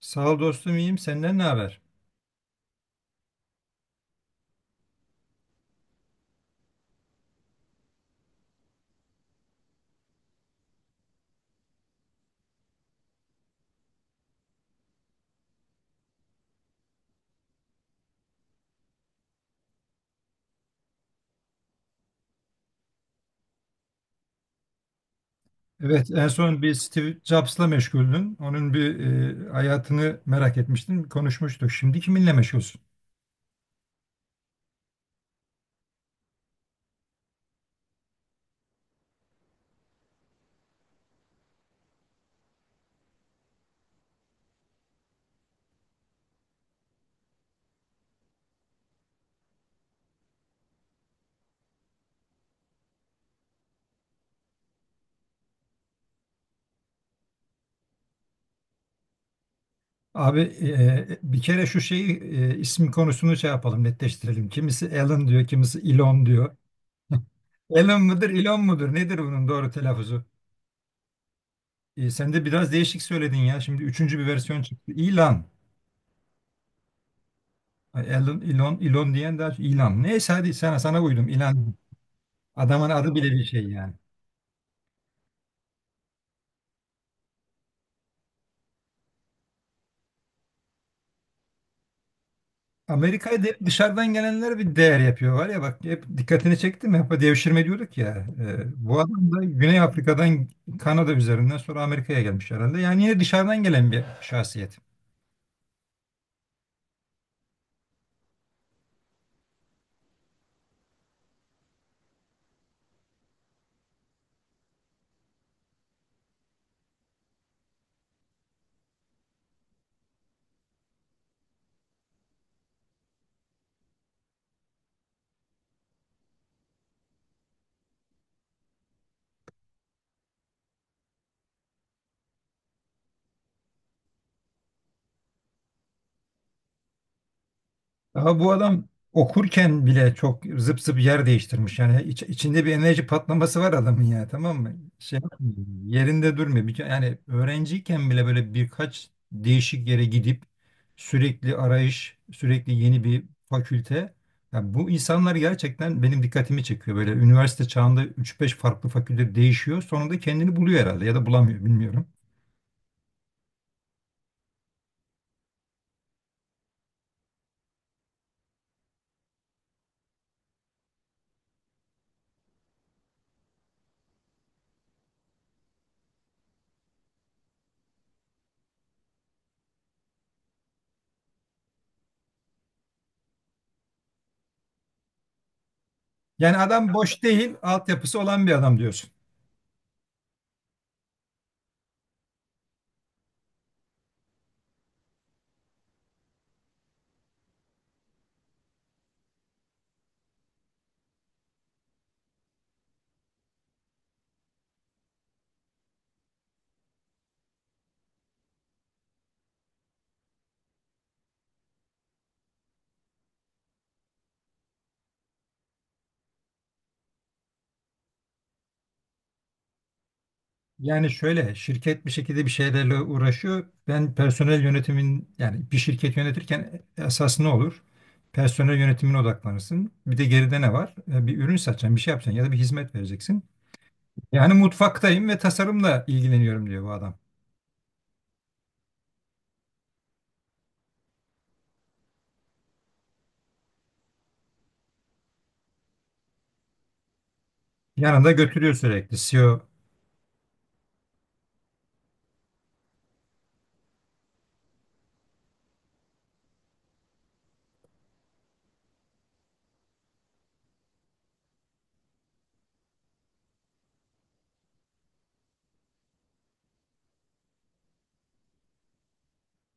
Sağ ol dostum iyiyim. Senden ne haber? Evet, en son bir Steve Jobs'la meşguldün. Onun bir hayatını merak etmiştin. Konuşmuştuk. Şimdi kiminle meşgulsün? Abi bir kere şu şeyi isim konusunu şey yapalım, netleştirelim. Kimisi Elon diyor, kimisi Elon diyor. Elon mudur, Elon mudur? Nedir bunun doğru telaffuzu? E, sen de biraz değişik söyledin ya. Şimdi üçüncü bir versiyon çıktı. Elon. Ay, Elon, Elon, Elon diyen daha Elon. Neyse hadi sana uydum. Elon. Adamın adı bile bir şey yani. Amerika'ya da hep dışarıdan gelenler bir değer yapıyor var ya bak hep dikkatini çekti mi? Hep devşirme diyorduk ya. E, bu adam da Güney Afrika'dan Kanada üzerinden sonra Amerika'ya gelmiş herhalde. Yani yine dışarıdan gelen bir şahsiyet. Daha bu adam okurken bile çok zıp zıp yer değiştirmiş. Yani içinde bir enerji patlaması var adamın ya tamam mı? Şey yapmıyor, yerinde durmuyor. Yani öğrenciyken bile böyle birkaç değişik yere gidip sürekli arayış, sürekli yeni bir fakülte. Ya bu insanlar gerçekten benim dikkatimi çekiyor. Böyle üniversite çağında üç beş farklı fakülte değişiyor. Sonunda kendini buluyor herhalde ya da bulamıyor bilmiyorum. Yani adam boş değil, altyapısı olan bir adam diyorsun. Yani şöyle şirket bir şekilde bir şeylerle uğraşıyor. Ben personel yönetimin yani bir şirket yönetirken esas ne olur? Personel yönetimine odaklanırsın. Bir de geride ne var? Bir ürün satacaksın, bir şey yapacaksın ya da bir hizmet vereceksin. Yani mutfaktayım ve tasarımla ilgileniyorum diyor bu adam. Yanında götürüyor sürekli. CEO.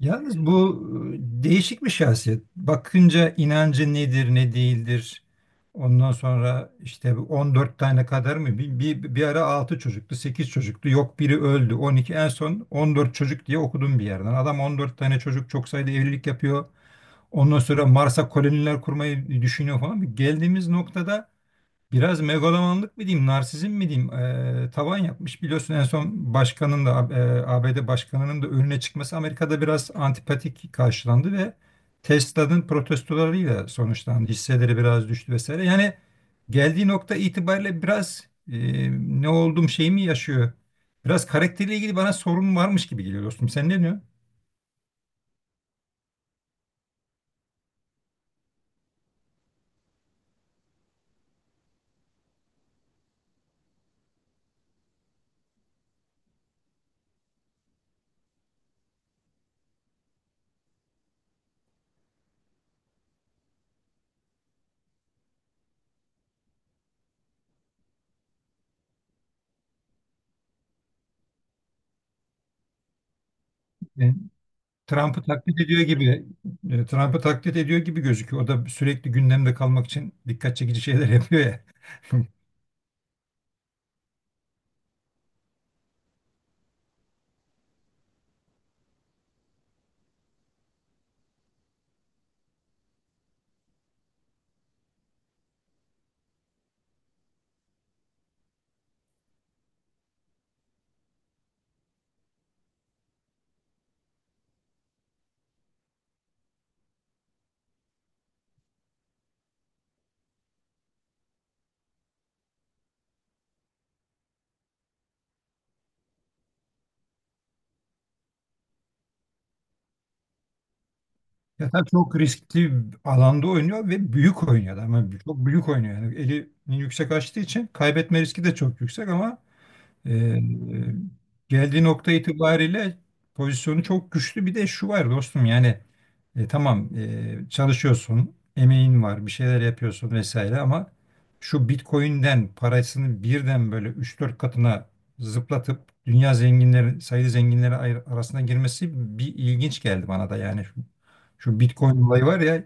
Yalnız bu değişik bir şahsiyet. Bakınca inancı nedir, ne değildir. Ondan sonra işte bu 14 tane kadar mı? Bir ara 6 çocuktu, 8 çocuktu. Yok biri öldü. 12 en son 14 çocuk diye okudum bir yerden. Adam 14 tane çocuk çok sayıda evlilik yapıyor. Ondan sonra Mars'a koloniler kurmayı düşünüyor falan. Geldiğimiz noktada biraz megalomanlık mı diyeyim, narsizm mi diyeyim, tavan yapmış. Biliyorsun en son başkanın da ABD başkanının da önüne çıkması Amerika'da biraz antipatik karşılandı ve Tesla'nın protestolarıyla sonuçlandı. Hisseleri biraz düştü vesaire. Yani geldiği nokta itibariyle biraz ne oldum şeyimi yaşıyor. Biraz karakteriyle ilgili bana sorun varmış gibi geliyor dostum. Sen ne diyorsun? Trump'ı taklit ediyor gibi Trump'ı taklit ediyor gibi gözüküyor. O da sürekli gündemde kalmak için dikkat çekici şeyler yapıyor ya. Ya tabii çok riskli bir alanda oynuyor ve büyük oynuyor da, ama çok büyük oynuyor yani elini yüksek açtığı için kaybetme riski de çok yüksek ama Ee, geldiği nokta itibariyle pozisyonu çok güçlü. Bir de şu var dostum yani tamam çalışıyorsun, emeğin var, bir şeyler yapıyorsun vesaire ama şu Bitcoin'den parasını birden böyle üç dört katına zıplatıp dünya zenginleri, sayılı zenginleri arasına girmesi bir ilginç geldi bana da yani şu, şu Bitcoin olayı var ya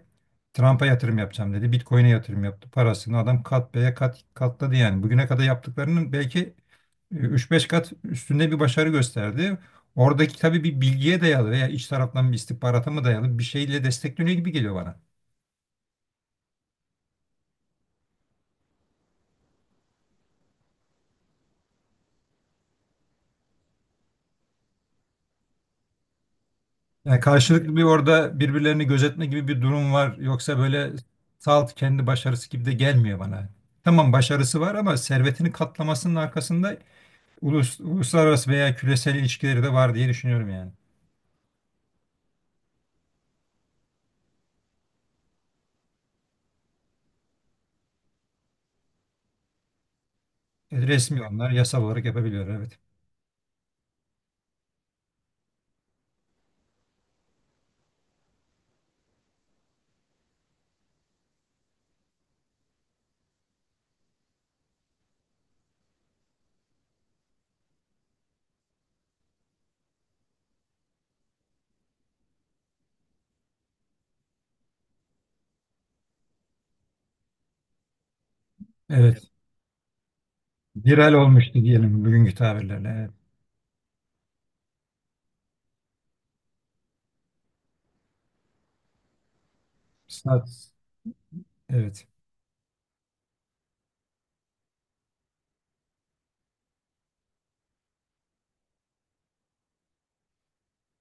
Trump'a yatırım yapacağım dedi. Bitcoin'e yatırım yaptı. Parasını adam kat beye kat katladı yani. Bugüne kadar yaptıklarının belki üç beş kat üstünde bir başarı gösterdi. Oradaki tabii bir bilgiye dayalı veya iç taraftan bir istihbarata mı dayalı bir şeyle destekleniyor gibi geliyor bana. Yani karşılıklı bir orada birbirlerini gözetme gibi bir durum var. Yoksa böyle salt kendi başarısı gibi de gelmiyor bana. Tamam başarısı var ama servetini katlamasının arkasında uluslararası veya küresel ilişkileri de var diye düşünüyorum yani. Resmi onlar yasal olarak yapabiliyor evet. Evet. Viral olmuştu diyelim bugünkü tabirlerle. Evet. Sat. Evet.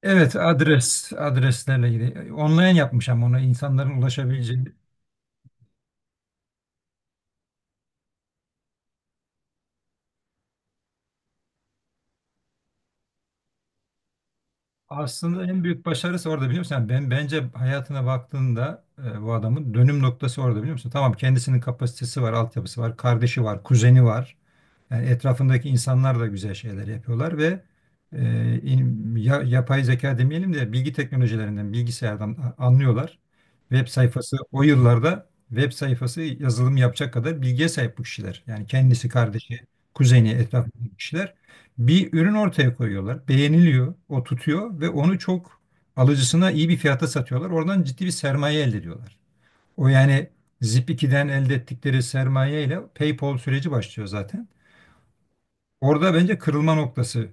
Evet, adreslerle ilgili. Online yapmış ama ona insanların ulaşabileceği. Aslında en büyük başarısı orada biliyor musun? Yani ben bence hayatına baktığında bu adamın dönüm noktası orada biliyor musun? Tamam kendisinin kapasitesi var, altyapısı var, kardeşi var, kuzeni var. Yani etrafındaki insanlar da güzel şeyler yapıyorlar ve yapay zeka demeyelim de bilgi teknolojilerinden, bilgisayardan anlıyorlar. Web sayfası o yıllarda web sayfası yazılım yapacak kadar bilgiye sahip bu kişiler. Yani kendisi, kardeşi, kuzeni, etrafındaki kişiler bir ürün ortaya koyuyorlar. Beğeniliyor, o tutuyor ve onu çok alıcısına iyi bir fiyata satıyorlar. Oradan ciddi bir sermaye elde ediyorlar. O yani Zip2'den elde ettikleri sermaye ile PayPal süreci başlıyor zaten. Orada bence kırılma noktası.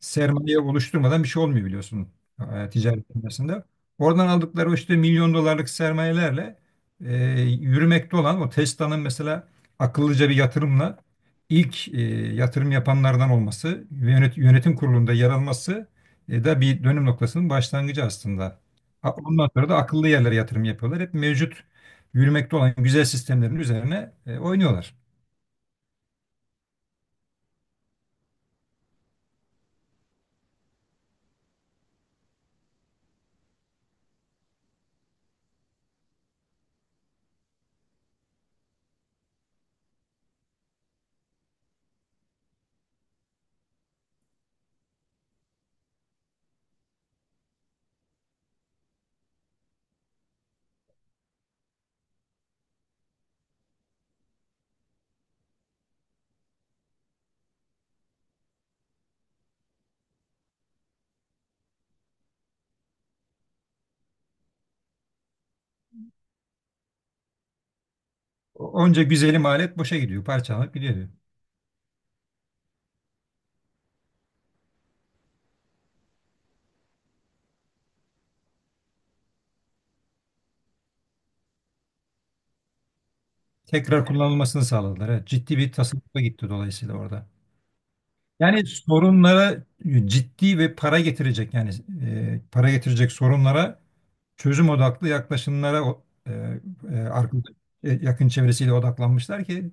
Sermaye oluşturmadan bir şey olmuyor biliyorsun ticaret dünyasında. Oradan aldıkları o işte milyon dolarlık sermayelerle yürümekte olan o Tesla'nın mesela akıllıca bir yatırımla ilk yatırım yapanlardan olması ve yönetim kurulunda yer alması da bir dönüm noktasının başlangıcı aslında. Ondan sonra da akıllı yerlere yatırım yapıyorlar. Hep mevcut yürümekte olan güzel sistemlerin üzerine oynuyorlar. Onca güzelim alet boşa gidiyor, parçalanıp gidiyor. Tekrar kullanılmasını sağladılar. Evet, ciddi bir tasarrufa gitti dolayısıyla orada. Yani sorunlara ciddi ve para getirecek yani para getirecek sorunlara çözüm odaklı yaklaşımlara e, arka- yakın çevresiyle odaklanmışlar ki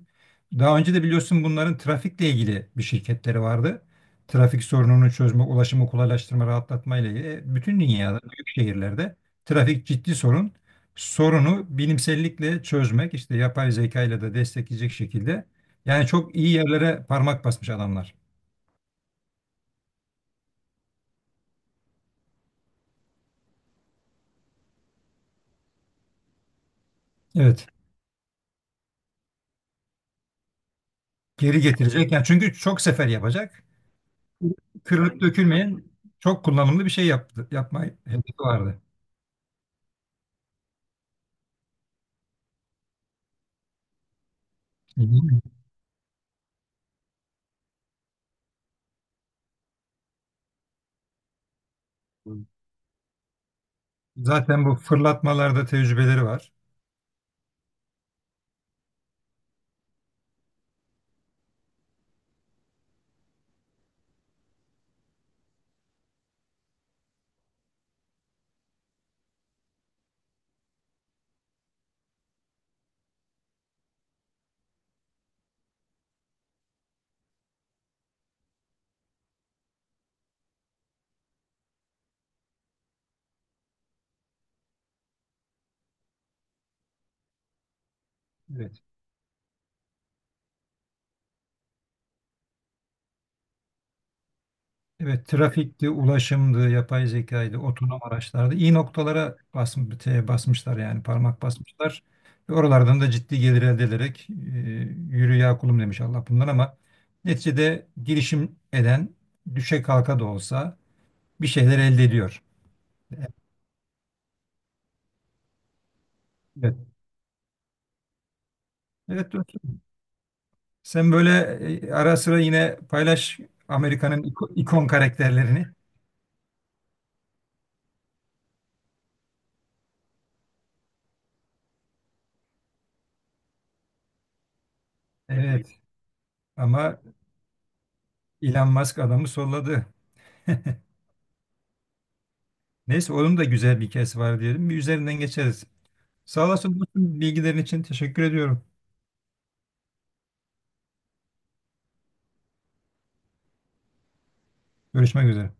daha önce de biliyorsun bunların trafikle ilgili bir şirketleri vardı. Trafik sorununu çözme, ulaşımı kolaylaştırma, rahatlatma ile ilgili. Bütün dünyada, büyük şehirlerde trafik ciddi sorun. Sorunu bilimsellikle çözmek, işte yapay zeka ile de destekleyecek şekilde. Yani çok iyi yerlere parmak basmış adamlar. Evet. Geri getirecek. Yani çünkü çok sefer yapacak. Yani dökülmeyen çok kullanımlı bir şey yaptı, yapma hedefi vardı. Zaten bu fırlatmalarda tecrübeleri var. Evet. Evet, trafikti, ulaşımdı, yapay zekaydı, otonom araçlardı. İyi noktalara basmışlar yani parmak basmışlar. Ve oralardan da ciddi gelir elde ederek yürü ya kulum demiş Allah bundan ama neticede girişim eden düşe kalka da olsa bir şeyler elde ediyor. Evet. Evet, sen böyle ara sıra yine paylaş Amerika'nın ikon karakterlerini. Evet ama Elon Musk adamı solladı. Neyse onun da güzel bir hikayesi var diyelim. Bir üzerinden geçeriz. Sağ olasın dostum, bilgilerin için teşekkür ediyorum. Görüşmek üzere.